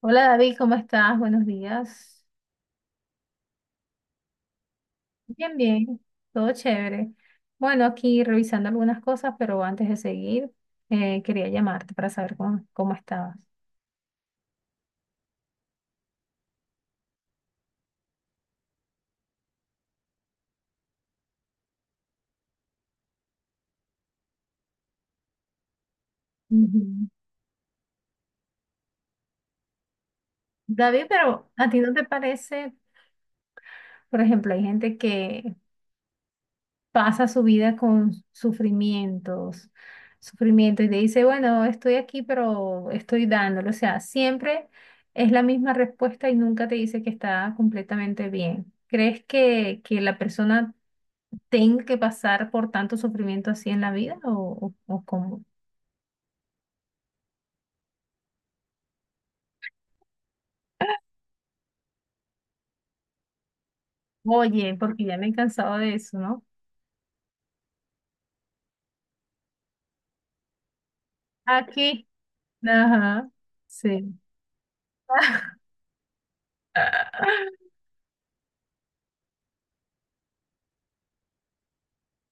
Hola David, ¿cómo estás? Buenos días. Bien, bien, todo chévere. Bueno, aquí revisando algunas cosas, pero antes de seguir, quería llamarte para saber cómo estabas. Ujú. David, pero ¿a ti no te parece, por ejemplo, hay gente que pasa su vida con sufrimientos, sufrimiento y te dice, bueno, estoy aquí, pero estoy dándolo. O sea, siempre es la misma respuesta y nunca te dice que está completamente bien. ¿Crees que la persona tenga que pasar por tanto sufrimiento así en la vida o, o cómo? Oye, porque ya me he cansado de eso, ¿no? Aquí. Ajá. Sí.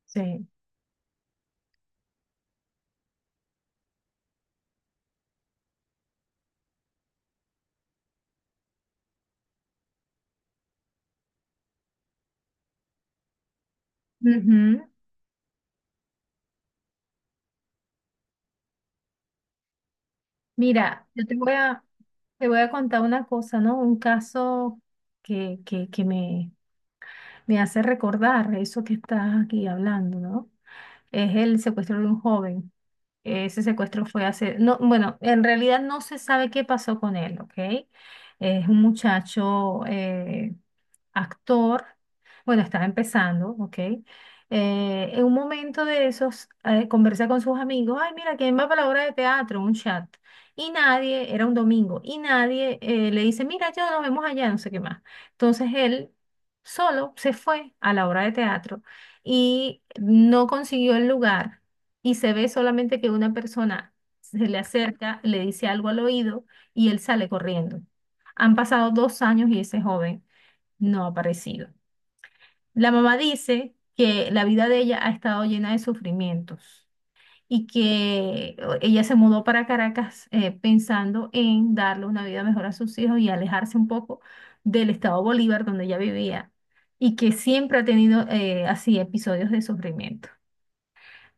Sí. Ujú. Mira, yo te voy a contar una cosa, ¿no? Un caso que me hace recordar eso que estás aquí hablando, ¿no? Es el secuestro de un joven. Ese secuestro fue hace, no, bueno, en realidad no se sabe qué pasó con él, ¿ok? Es un muchacho, actor, bueno, estaba empezando, ¿ok? En un momento de esos, conversa con sus amigos, ay, mira, ¿quién va para la obra de teatro? Un chat. Y nadie, era un domingo, y nadie le dice, mira, yo nos vemos allá, no sé qué más. Entonces él solo se fue a la obra de teatro y no consiguió el lugar y se ve solamente que una persona se le acerca, le dice algo al oído y él sale corriendo. Han pasado dos años y ese joven no ha aparecido. La mamá dice que la vida de ella ha estado llena de sufrimientos y que ella se mudó para Caracas pensando en darle una vida mejor a sus hijos y alejarse un poco del estado Bolívar donde ella vivía y que siempre ha tenido así episodios de sufrimiento.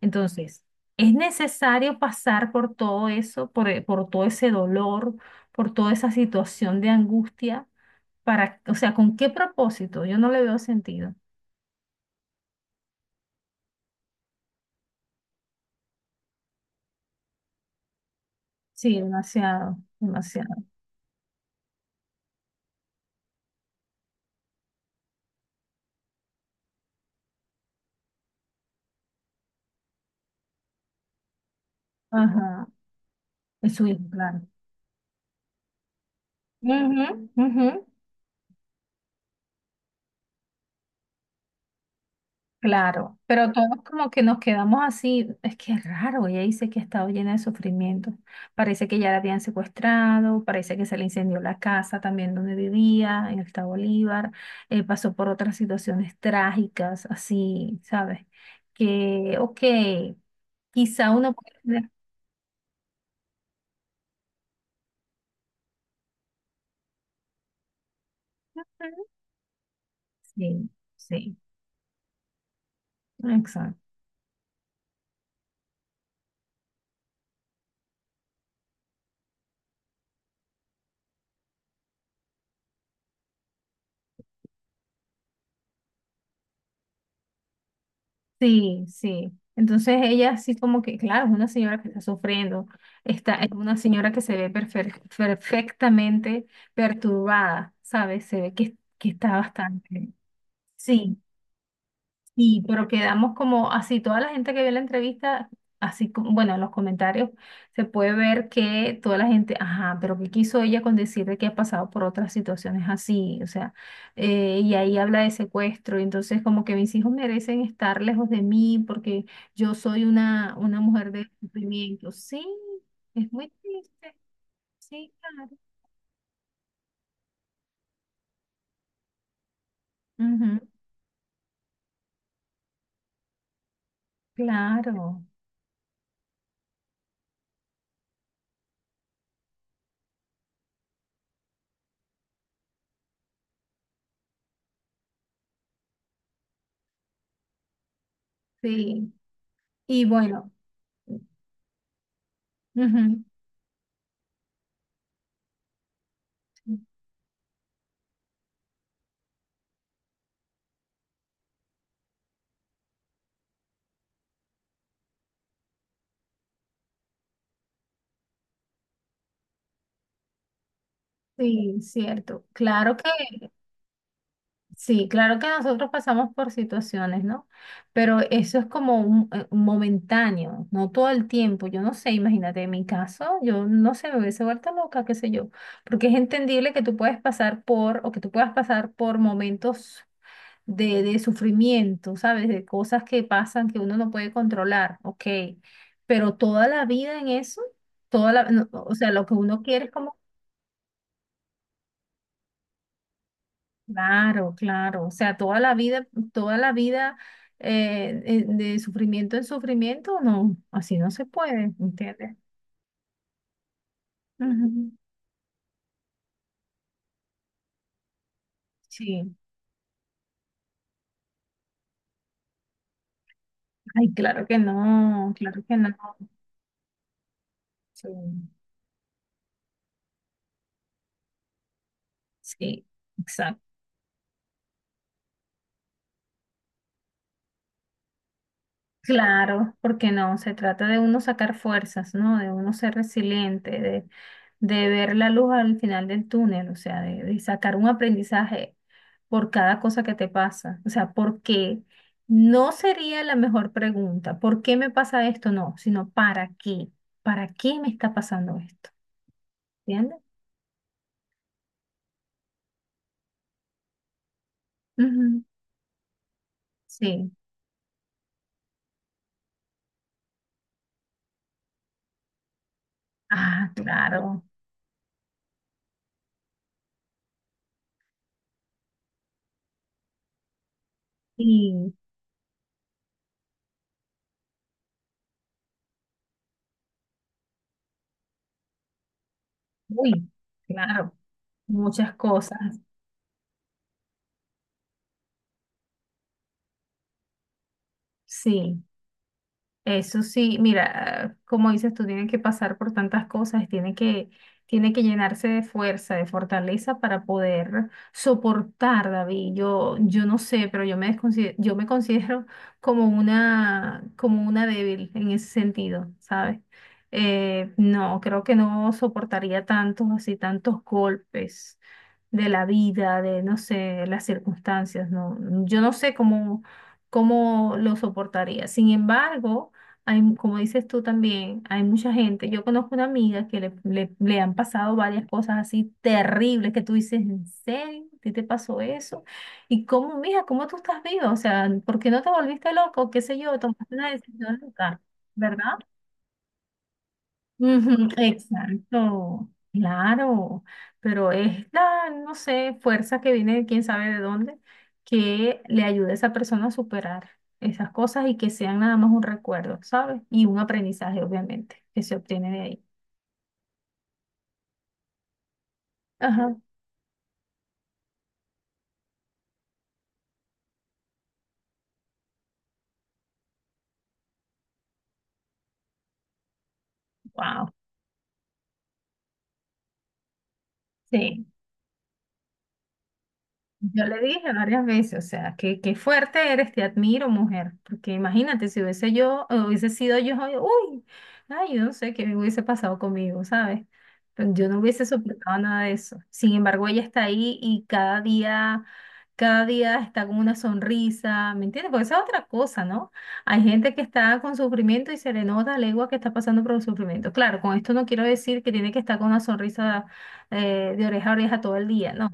Entonces, es necesario pasar por todo eso, por todo ese dolor, por toda esa situación de angustia, para, o sea, ¿con qué propósito? Yo no le veo sentido. Sí, demasiado, demasiado. Ajá, es su hijo, claro. Ujú, ujú. Claro, pero todos como que nos quedamos así, es que es raro, ella dice que ha estado llena de sufrimiento. Parece que ya la habían secuestrado, parece que se le incendió la casa también donde vivía, en el estado Bolívar, pasó por otras situaciones trágicas, así, ¿sabes? Que, ok, quizá uno puede... Ujú. Sí, sí, exacto. Sí, sí. Entonces ella así como que, claro, es una señora que está sufriendo, está, es una señora que se ve perfectamente perturbada, ¿sabes? Se ve que está bastante. Sí, y pero quedamos como así, toda la gente que vio la entrevista, así como, bueno, en los comentarios se puede ver que toda la gente, ajá, pero ¿qué quiso ella con decir de que ha pasado por otras situaciones así? O sea, y ahí habla de secuestro, y entonces como que mis hijos merecen estar lejos de mí porque yo soy una mujer de sufrimiento. Sí, es muy triste, sí, claro. Ujú, claro, sí. Y bueno. Ujú. Sí. Sí, cierto. Claro que, sí, claro que nosotros pasamos por situaciones, ¿no? Pero eso es como un, momentáneo, no todo el tiempo. Yo no sé, imagínate, en mi caso, yo no sé, me hubiese vuelto loca, qué sé yo. Porque es entendible que tú puedes pasar por, o que tú puedas pasar por momentos de sufrimiento, ¿sabes? De cosas que pasan que uno no puede controlar, ok. Pero toda la vida en eso, toda la, no, o sea, lo que uno quiere es como Claro, claro. O sea, toda la vida de sufrimiento en sufrimiento, no, así no se puede, ¿entiendes? Ujú. Sí. Ay, claro que no, claro que no. Sí, sí, exacto. Claro, porque no, se trata de uno sacar fuerzas, ¿no? De uno ser resiliente, de ver la luz al final del túnel, o sea, de sacar un aprendizaje por cada cosa que te pasa. O sea, ¿por qué? No sería la mejor pregunta, ¿por qué me pasa esto? No, sino ¿para qué? ¿Para qué me está pasando esto? ¿Entiendes? Ujú. Sí. Ah, claro. Sí. Uy, claro. Muchas cosas. Sí. Eso sí, mira, como dices tú, tiene que pasar por tantas cosas, tiene que llenarse de fuerza, de fortaleza para poder soportar, David. Yo no sé, pero yo me considero como una débil en ese sentido, ¿sabes? No, creo que no soportaría tantos, así, tantos golpes de la vida, de, no sé, las circunstancias, no, yo no sé cómo, cómo lo soportaría. Sin embargo, hay, como dices tú también, hay mucha gente. Yo conozco una amiga que le han pasado varias cosas así terribles que tú dices, ¿en serio? ¿A ti te pasó eso? ¿Y cómo, mija, cómo tú estás viva? O sea, ¿por qué no te volviste loco? ¿Qué sé yo? Tomaste una decisión loca, ¿verdad? Ujú, exacto, claro, pero es la, no sé, fuerza que viene de quién sabe de dónde, que le ayude a esa persona a superar esas cosas y que sean nada más un recuerdo, ¿sabes? Y un aprendizaje, obviamente, que se obtiene de ahí. Ajá, wow, sí. Yo le dije varias veces, o sea, que qué fuerte eres, te admiro, mujer, porque imagínate si hubiese yo, hubiese sido yo, ay, uy, ay, yo no sé qué hubiese pasado conmigo, ¿sabes? Pero yo no hubiese soportado nada de eso. Sin embargo, ella está ahí y cada día está con una sonrisa, ¿me entiendes? Porque esa es otra cosa, ¿no? Hay gente que está con sufrimiento y se le nota a legua que está pasando por un sufrimiento. Claro, con esto no quiero decir que tiene que estar con una sonrisa de oreja a oreja todo el día, ¿no?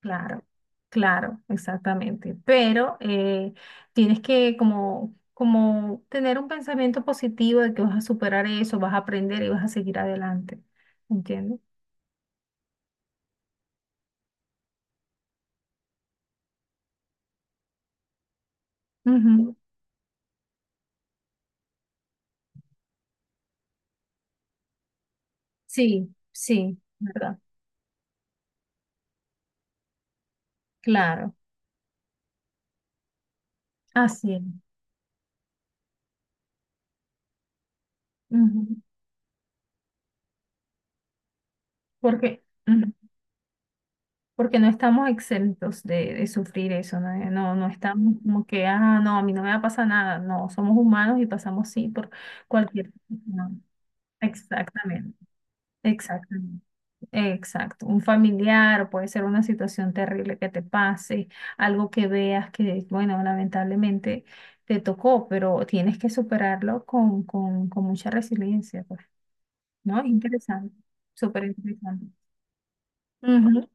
Claro, claro, exactamente. Pero tienes que como, como tener un pensamiento positivo de que vas a superar eso, vas a aprender y vas a seguir adelante. ¿Entiendes? Ujú. Sí, sí, ¿verdad? Claro, así es. Ujú. Porque, ujú, porque no estamos exentos de sufrir eso, ¿no? No, no estamos como que, ah, no, a mí no me va a pasar nada. No, somos humanos y pasamos sí por cualquier... no, exactamente, exactamente. Exacto, un familiar, o puede ser una situación terrible que te pase, algo que veas que, bueno, lamentablemente te tocó, pero tienes que superarlo con mucha resiliencia, pues, ¿no? Interesante, súper interesante. Ujú.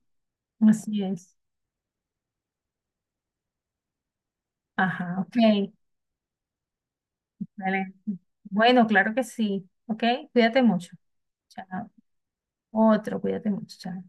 Así es. Ajá, ok. Vale. Bueno, claro que sí, ok. Cuídate mucho. Chao. Otro, cuídate mucho. Chao.